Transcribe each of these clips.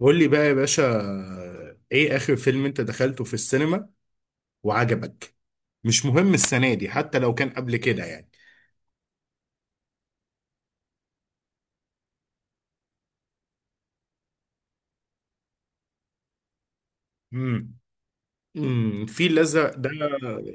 قول لي بقى يا باشا، ايه اخر فيلم انت دخلته في السينما وعجبك؟ مش مهم السنة دي، حتى لو كان قبل كده يعني. امم الفيل الازرق ده،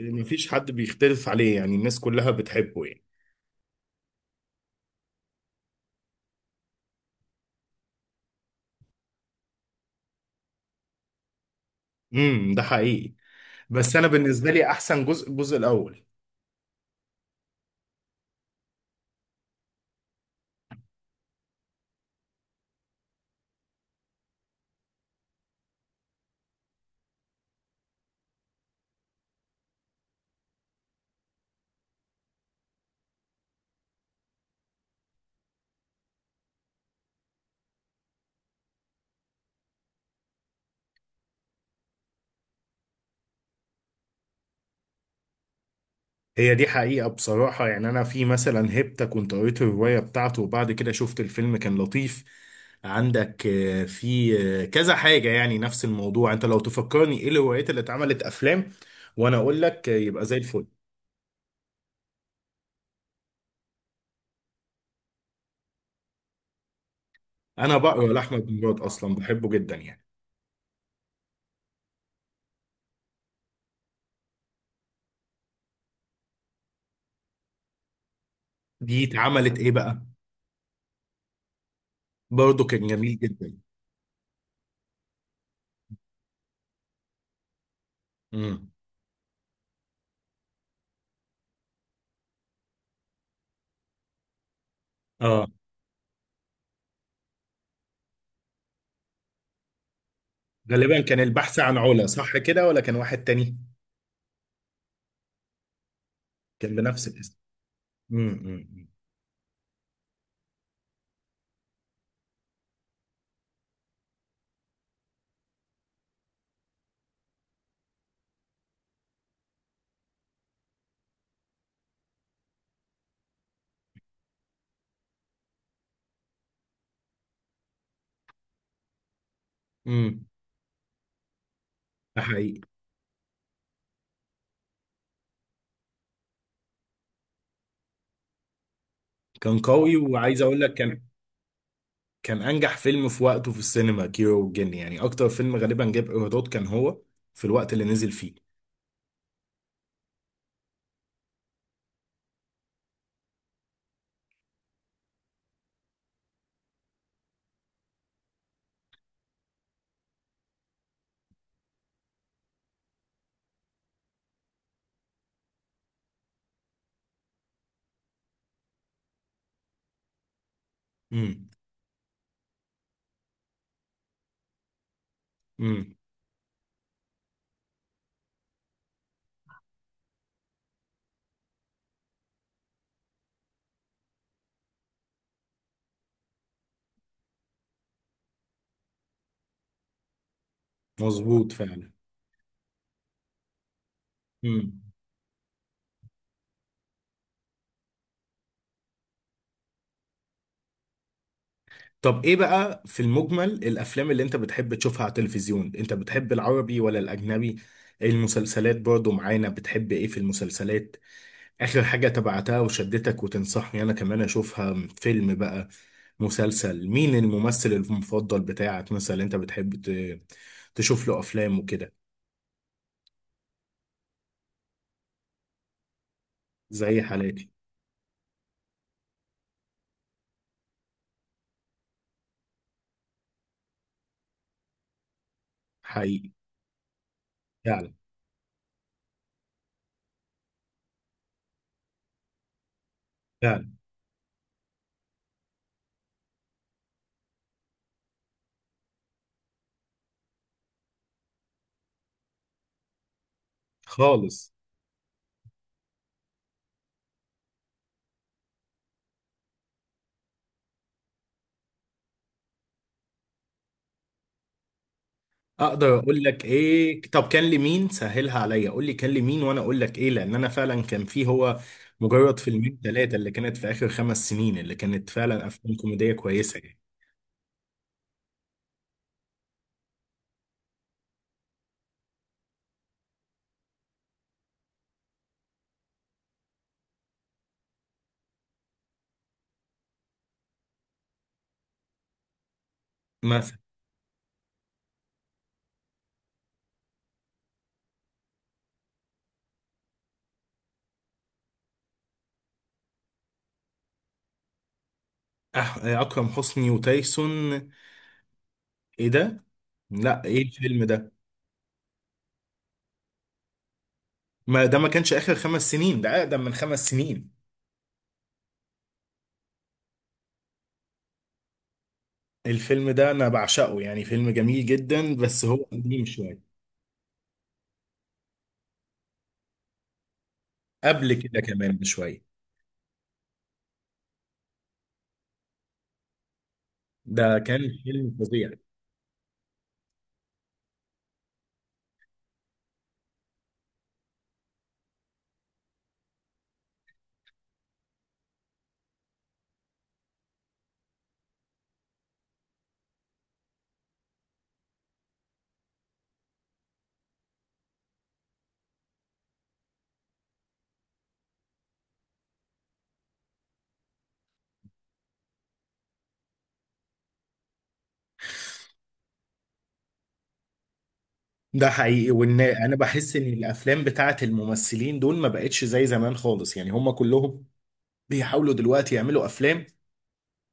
مفيش حد بيختلف عليه، يعني الناس كلها بتحبه يعني. ده حقيقي. بس انا بالنسبة لي احسن جزء الجزء الاول. هي دي حقيقة بصراحة، يعني أنا في مثلا هيبتا كنت قريت الرواية بتاعته وبعد كده شفت الفيلم، كان لطيف. عندك في كذا حاجة يعني نفس الموضوع. أنت لو تفكرني إيه الروايات اللي اتعملت أفلام، وأنا أقول لك يبقى زي الفل. أنا بقرا لأحمد مراد أصلا، بحبه جدا يعني. دي اتعملت إيه بقى؟ برضه كان جميل جدا. امم آه غالبا كان البحث عن علا، صح كده، ولا كان واحد تاني؟ كان بنفس الاسم. امم امم امم ده حقيقي. كان قوي وعايز اقول لك كان. كان انجح فيلم في وقته في السينما كيرة والجن، يعني اكتر فيلم غالبا جاب ايرادات كان هو في الوقت اللي نزل فيه. امم، امم، مظبوط فعلا. امم طب ايه بقى في المجمل الافلام اللي انت بتحب تشوفها على التلفزيون، انت بتحب العربي ولا الاجنبي؟ إيه المسلسلات برضو معانا، بتحب ايه في المسلسلات؟ اخر حاجة تبعتها وشدتك وتنصحني انا كمان اشوفها، فيلم بقى مسلسل، مين الممثل المفضل بتاعك مثلا؟ انت بتحب تشوف له افلام وكده؟ زي حالاتي. حقيقي. فعلا. فعلا. خالص. اقدر اقول لك ايه. طب كان لمين؟ سهلها عليا، قول لي كان لمين وانا اقول لك ايه، لان انا فعلا كان في هو. مجرد فيلمين ثلاثه اللي كانت في اخر 5 سنين، اللي كانت فعلا افلام كوميديه كويسه يعني. مثلا. اكرم حسني وتايسون؟ ايه ده؟ لا ايه الفيلم ده؟ ما ده ما كانش اخر 5 سنين، ده اقدم من 5 سنين. الفيلم ده انا بعشقه يعني، فيلم جميل جدا بس هو قديم شويه. قبل كده كمان بشويه. ده كان فيلم فظيع. ده حقيقي، وان انا بحس ان الافلام بتاعت الممثلين دول ما بقتش زي زمان خالص، يعني هم كلهم بيحاولوا دلوقتي يعملوا افلام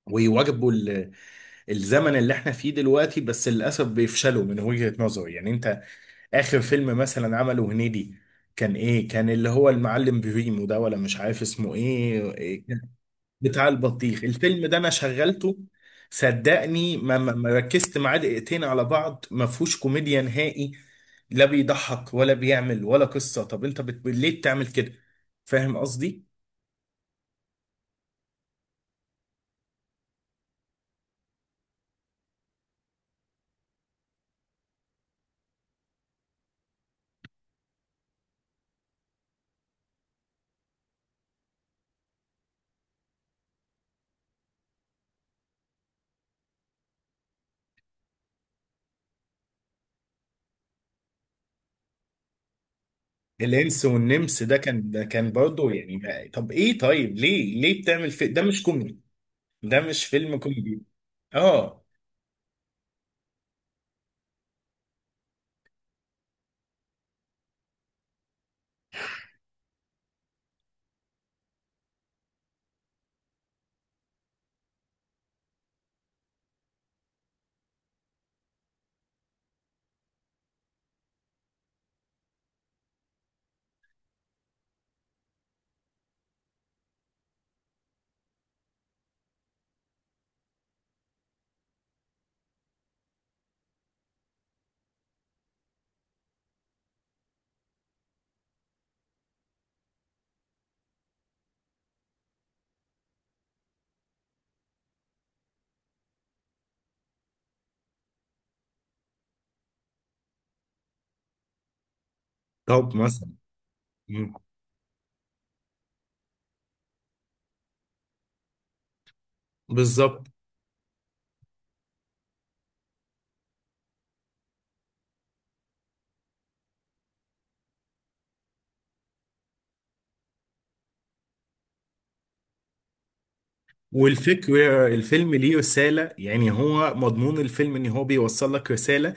ويواجبوا الزمن اللي احنا فيه دلوقتي، بس للاسف بيفشلوا من وجهة نظري يعني. انت اخر فيلم مثلا عمله هنيدي كان ايه؟ كان اللي هو المعلم بريمو ده، ولا مش عارف اسمه ايه؟ بتاع البطيخ. الفيلم ده انا شغلته، صدقني ما ركزت معاه دقيقتين على بعض، ما فيهوش كوميديا نهائي. لا بيضحك ولا بيعمل ولا قصة. طب انت ليه بتعمل كده؟ فاهم قصدي. الانس والنمس ده كان برضه يعني ما... طب ايه؟ طيب ليه بتعمل ده مش كوميدي؟ ده مش فيلم كوميدي، اه. طب مثلا. مم. بالظبط. والفكرة، الفيلم ليه رسالة، يعني هو مضمون الفيلم ان هو بيوصل لك رسالة.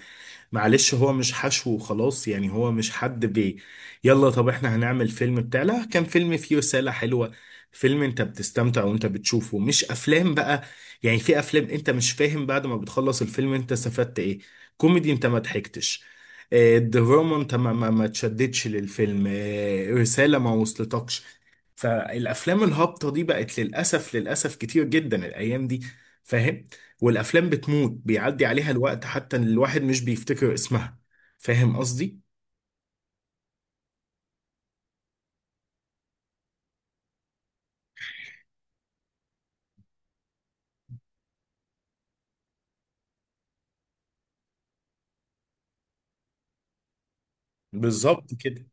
معلش هو مش حشو وخلاص، يعني هو مش حد بي. يلا طب احنا هنعمل فيلم بتاع، لا كان فيلم فيه رسالة حلوة، فيلم انت بتستمتع وانت بتشوفه، مش افلام بقى. يعني في افلام انت مش فاهم بعد ما بتخلص الفيلم انت استفدت ايه. كوميدي انت ما ضحكتش. الدراما انت ما تشددش للفيلم، رسالة ما وصلتكش. فالافلام الهابطه دي بقت للاسف للاسف كتير جدا الايام دي. فاهم؟ والافلام بتموت بيعدي عليها الوقت، حتى إن الواحد مش بيفتكر اسمها. فاهم قصدي؟ بالظبط كده.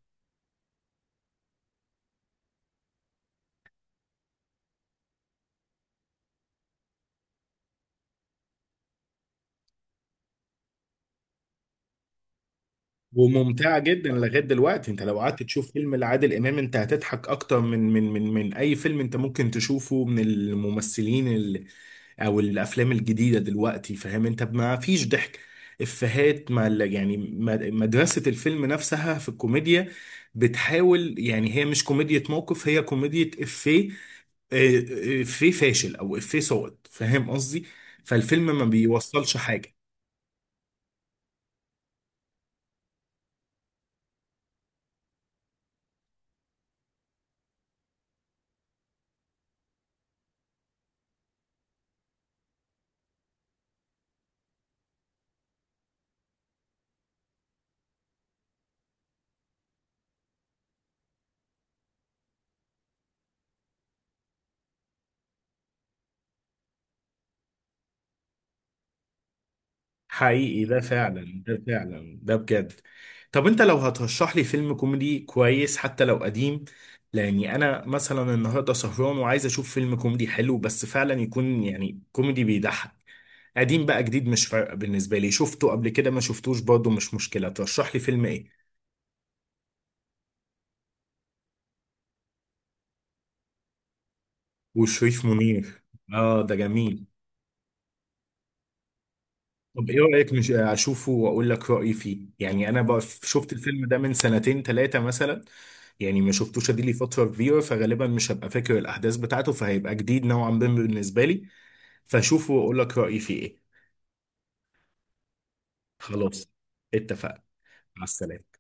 وممتعه جدا لغايه دلوقتي. انت لو قعدت تشوف فيلم لعادل امام، انت هتضحك اكتر من اي فيلم انت ممكن تشوفه من الممثلين او الافلام الجديده دلوقتي. فاهم؟ انت ما فيش ضحك. افيهات، ما يعني مدرسه الفيلم نفسها في الكوميديا بتحاول يعني. هي مش كوميديا موقف، هي كوميديا افيه. افيه فاشل او افيه صوت. فاهم قصدي؟ فالفيلم ما بيوصلش حاجه. حقيقي، ده فعلا، ده فعلا، ده بجد. طب انت لو هترشح لي فيلم كوميدي كويس حتى لو قديم، لاني انا مثلا النهارده سهران وعايز اشوف فيلم كوميدي حلو، بس فعلا يكون يعني كوميدي بيضحك. قديم بقى جديد مش فارقه بالنسبه لي، شفته قبل كده ما شفتوش برضه، مش مشكله. ترشح لي فيلم ايه؟ وشريف منير. اه، ده جميل. طب ايه رأيك، مش اشوفه واقول لك رأيي فيه؟ يعني انا بقى شفت الفيلم ده من سنتين ثلاثة مثلا، يعني ما شفتوش، ادي لي فترة كبيرة، فغالبا مش هبقى فاكر الاحداث بتاعته، فهيبقى جديد نوعا ما بالنسبة لي. فاشوفه واقول لك رأيي فيه ايه. خلاص، اتفقنا. مع السلامة.